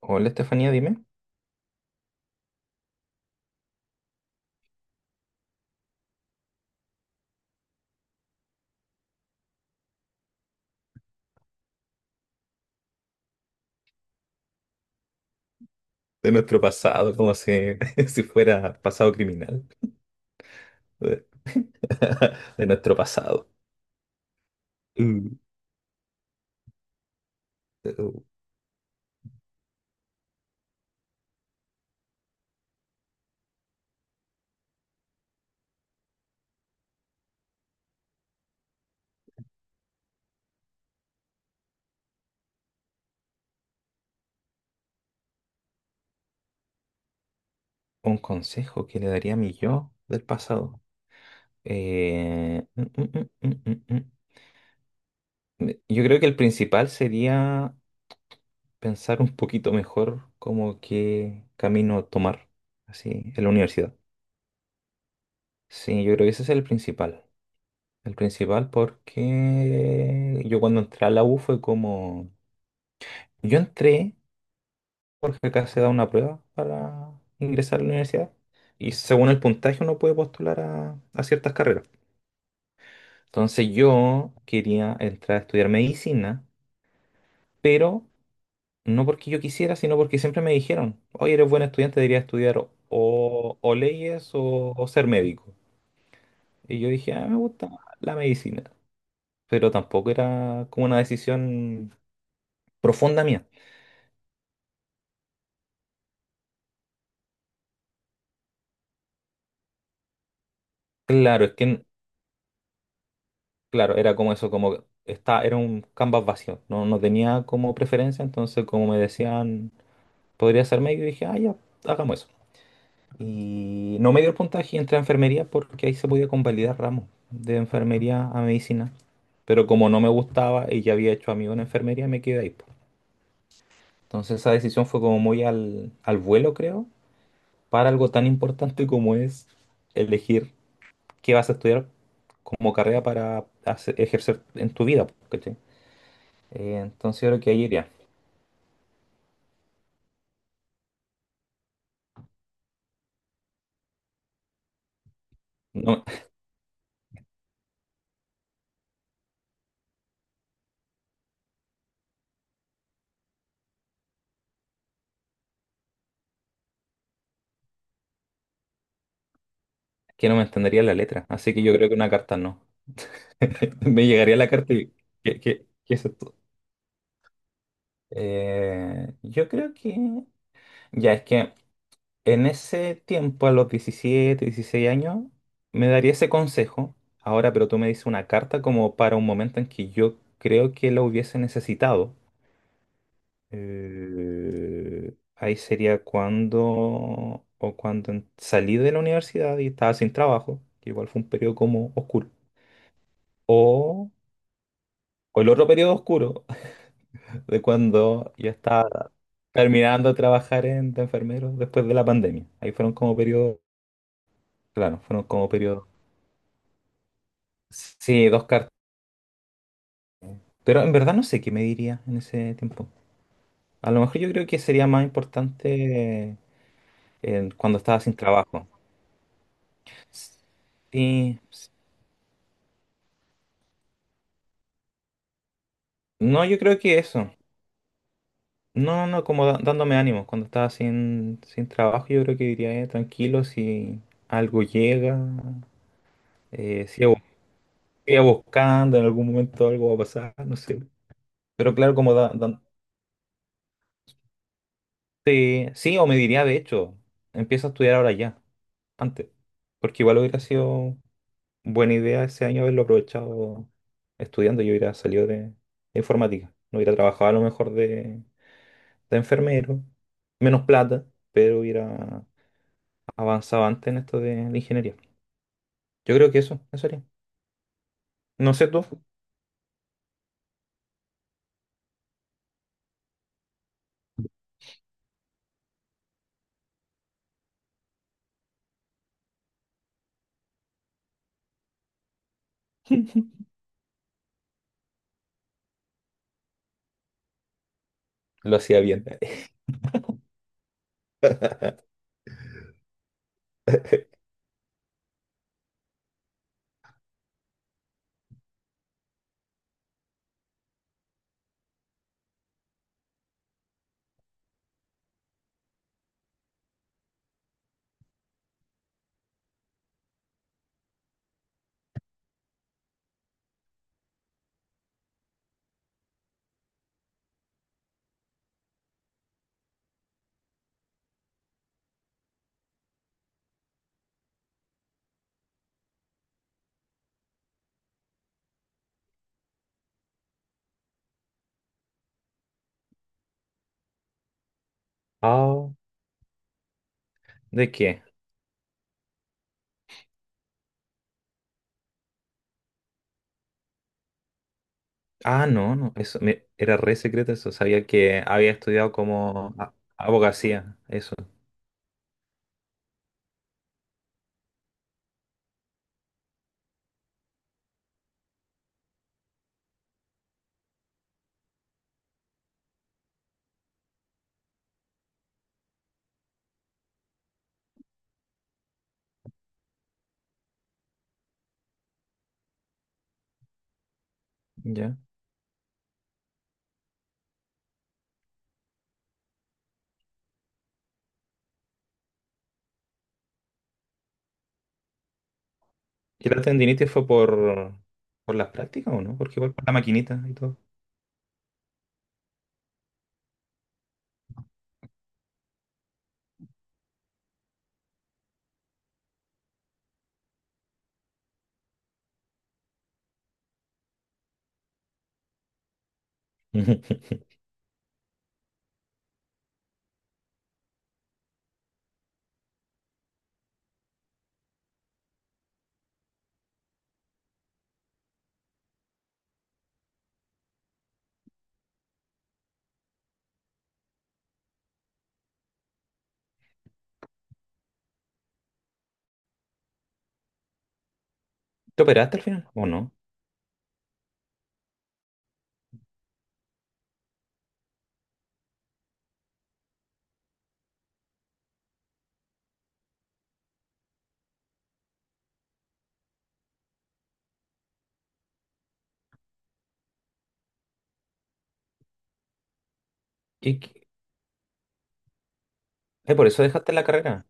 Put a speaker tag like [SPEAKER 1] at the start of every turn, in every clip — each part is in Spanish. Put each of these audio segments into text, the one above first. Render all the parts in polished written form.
[SPEAKER 1] Hola Estefanía, dime. De nuestro pasado, como si, si fuera pasado criminal. De nuestro pasado. Mm. Uh, Un consejo que le daría a mi yo del pasado. Eh, mm, mm, mm, mm, mm, mm. Yo creo que el principal sería pensar un poquito mejor como qué camino tomar, así, en la universidad. Sí, yo creo que ese es el principal. El principal porque yo cuando entré a la U fue como... Yo entré porque acá se da una prueba para ingresar a la universidad y según el puntaje uno puede postular a ciertas carreras. Entonces yo quería entrar a estudiar medicina, pero no porque yo quisiera, sino porque siempre me dijeron, oye, eres buen estudiante, deberías estudiar o leyes o ser médico. Y yo dije, ah, me gusta la medicina, pero tampoco era como una decisión profunda mía. Claro, es que Claro, era como eso, como está, era un canvas vacío, no, no tenía como preferencia, entonces como me decían, podría ser medio, dije, ah, ya, hagamos eso. Y no me dio el puntaje y entré a enfermería porque ahí se podía convalidar ramos de enfermería a medicina. Pero como no me gustaba y ya había hecho amigos en enfermería, me quedé ahí po. Entonces esa decisión fue como muy al vuelo, creo, para algo tan importante como es elegir qué vas a estudiar como carrera para ejercer en tu vida, po, ¿cachai? Entonces yo creo que ahí iría. No, es que no me entendería la letra, así que yo creo que una carta no. Me llegaría la carta y... ¿Qué, qué, qué es esto? Yo creo que... Ya, es que en ese tiempo, a los 17, 16 años, me daría ese consejo. Ahora, pero tú me dices una carta como para un momento en que yo creo que lo hubiese necesitado. Ahí sería cuando o cuando salí de la universidad y estaba sin trabajo, que igual fue un periodo como oscuro. O, o el otro periodo oscuro de cuando ya estaba terminando de trabajar en, de enfermero después de la pandemia. Ahí fueron como periodos, claro, fueron como periodos. Sí, dos cartas. Pero en verdad no sé qué me diría en ese tiempo. A lo mejor yo creo que sería más importante cuando estaba sin trabajo. Sí, no, yo creo que eso. No, no, como dándome ánimos. Cuando estaba sin trabajo, yo creo que diría, tranquilo, si algo llega, eh, sigo, sigo buscando, en algún momento algo va a pasar, no sé. Pero claro, sí, sí, o me diría, de hecho, empieza a estudiar ahora ya, antes. Porque igual hubiera sido buena idea ese año haberlo aprovechado estudiando. Yo hubiera salido de informática. No hubiera trabajado a lo mejor de enfermero, menos plata, pero hubiera avanzado antes en esto de la ingeniería. Yo creo que eso haría. No sé tú, lo hacía bien. Ah, ¿de qué? Ah, no, no, era re secreto eso. Sabía que había estudiado como abogacía, eso, ya. ¿Y la tendinitis fue por las prácticas o no? Porque igual por la maquinita y todo. ¿Te operaste al final o no? ¿Qué, qué? ¿Por eso dejaste la carrera?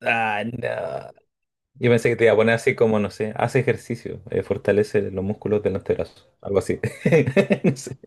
[SPEAKER 1] Ah, no. Yo pensé que te iba a poner así como, no sé, hace ejercicio, fortalece los músculos del antebrazo, algo así. No sé.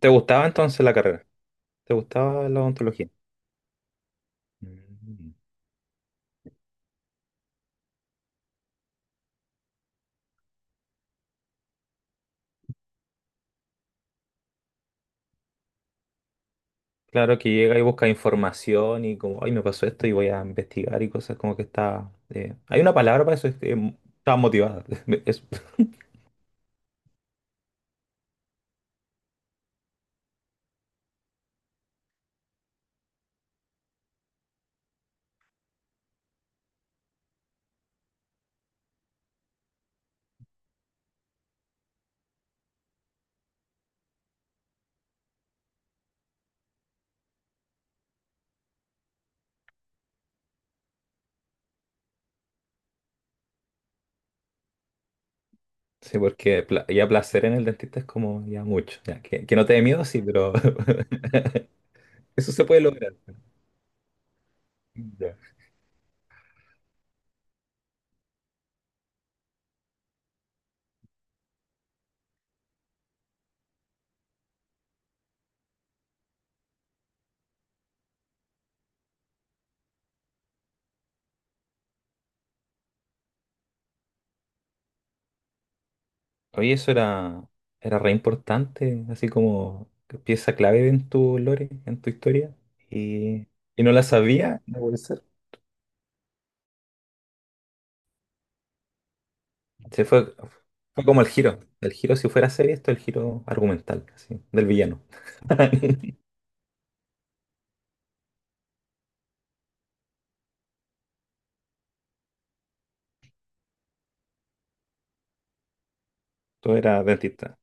[SPEAKER 1] ¿Te gustaba entonces la carrera? ¿Te gustaba la odontología? Mm. Claro que llega y busca información y como, ay, me pasó esto y voy a investigar y cosas como que está... Hay una palabra para eso, es que estaba motivada. Eso. Sí, porque ya placer en el dentista es como ya mucho. Ya, que no te dé miedo, sí, pero eso se puede lograr. Oye, era re importante, así como pieza clave en tu lore, en tu historia. Y, y no la sabía, no puede ser. Se fue, fue como el giro. El giro, si fuera serie, esto es el giro argumental, así, del villano. Tú eras dentista.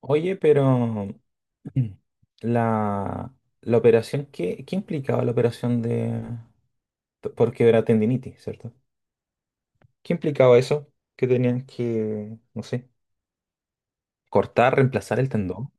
[SPEAKER 1] Oye, pero la, la operación, ¿qué, qué implicaba la operación de... Porque era tendinitis, ¿cierto? ¿Qué implicaba eso? Que tenían que, no sé, cortar, reemplazar el tendón.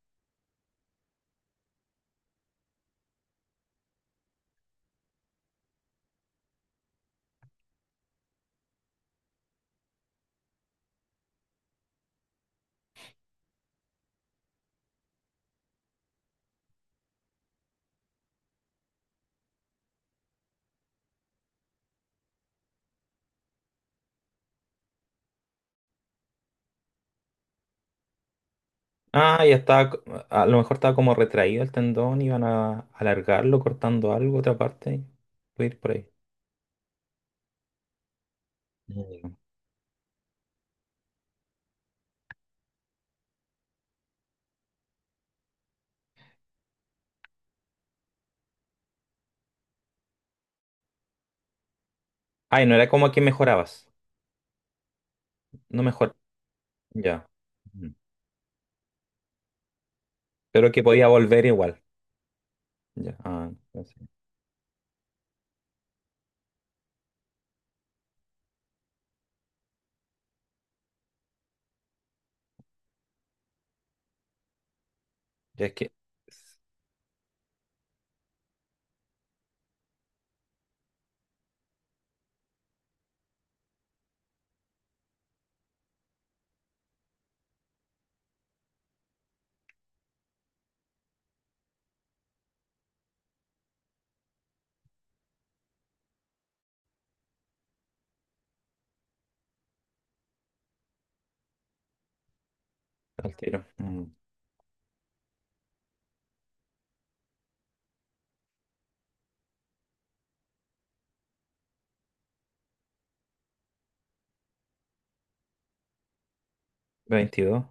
[SPEAKER 1] Ah, ya estaba, co- a lo mejor estaba como retraído el tendón, iban a alargarlo cortando algo, otra parte. Puede ir por ahí. Mm. Ay, no era como que mejorabas. No mejor. Ya. Mm. Pero que podía volver igual. Ya. Ah, entonces, ya es que. Al tiro. Mm. 22.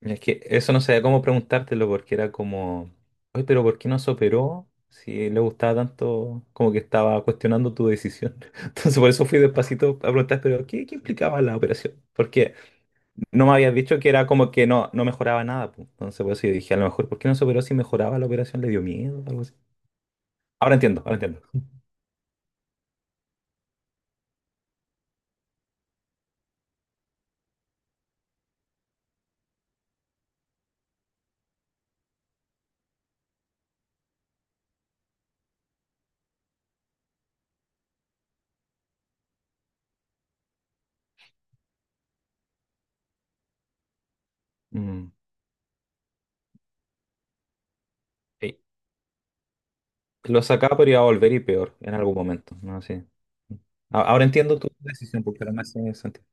[SPEAKER 1] Es que eso no sabía cómo preguntártelo porque era como, oye, pero ¿por qué no se operó? Si le gustaba tanto, como que estaba cuestionando tu decisión. Entonces por eso fui despacito a preguntar, pero ¿qué, qué implicaba la operación? Porque no me habías dicho que era como que no, no mejoraba nada pues. Entonces por eso yo dije, a lo mejor, ¿por qué no se operó si mejoraba la operación? ¿Le dio miedo o algo así? Ahora entiendo, ahora entiendo. Mm, sí. Lo sacaba, pero iba a volver y peor en algún momento, ¿no? Sí. Ahora entiendo tu decisión porque ahora me hace sentido.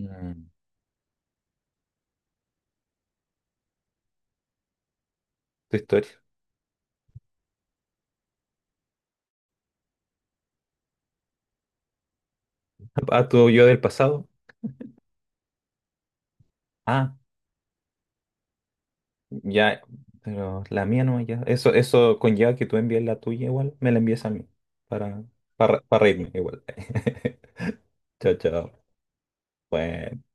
[SPEAKER 1] Mm, tu historia. A tu yo del pasado. Ah, ya, pero la mía no, ya. Eso conlleva que tú envíes la tuya igual, me la envíes a mí. Para, para reírme igual. Chao, chao. Bueno.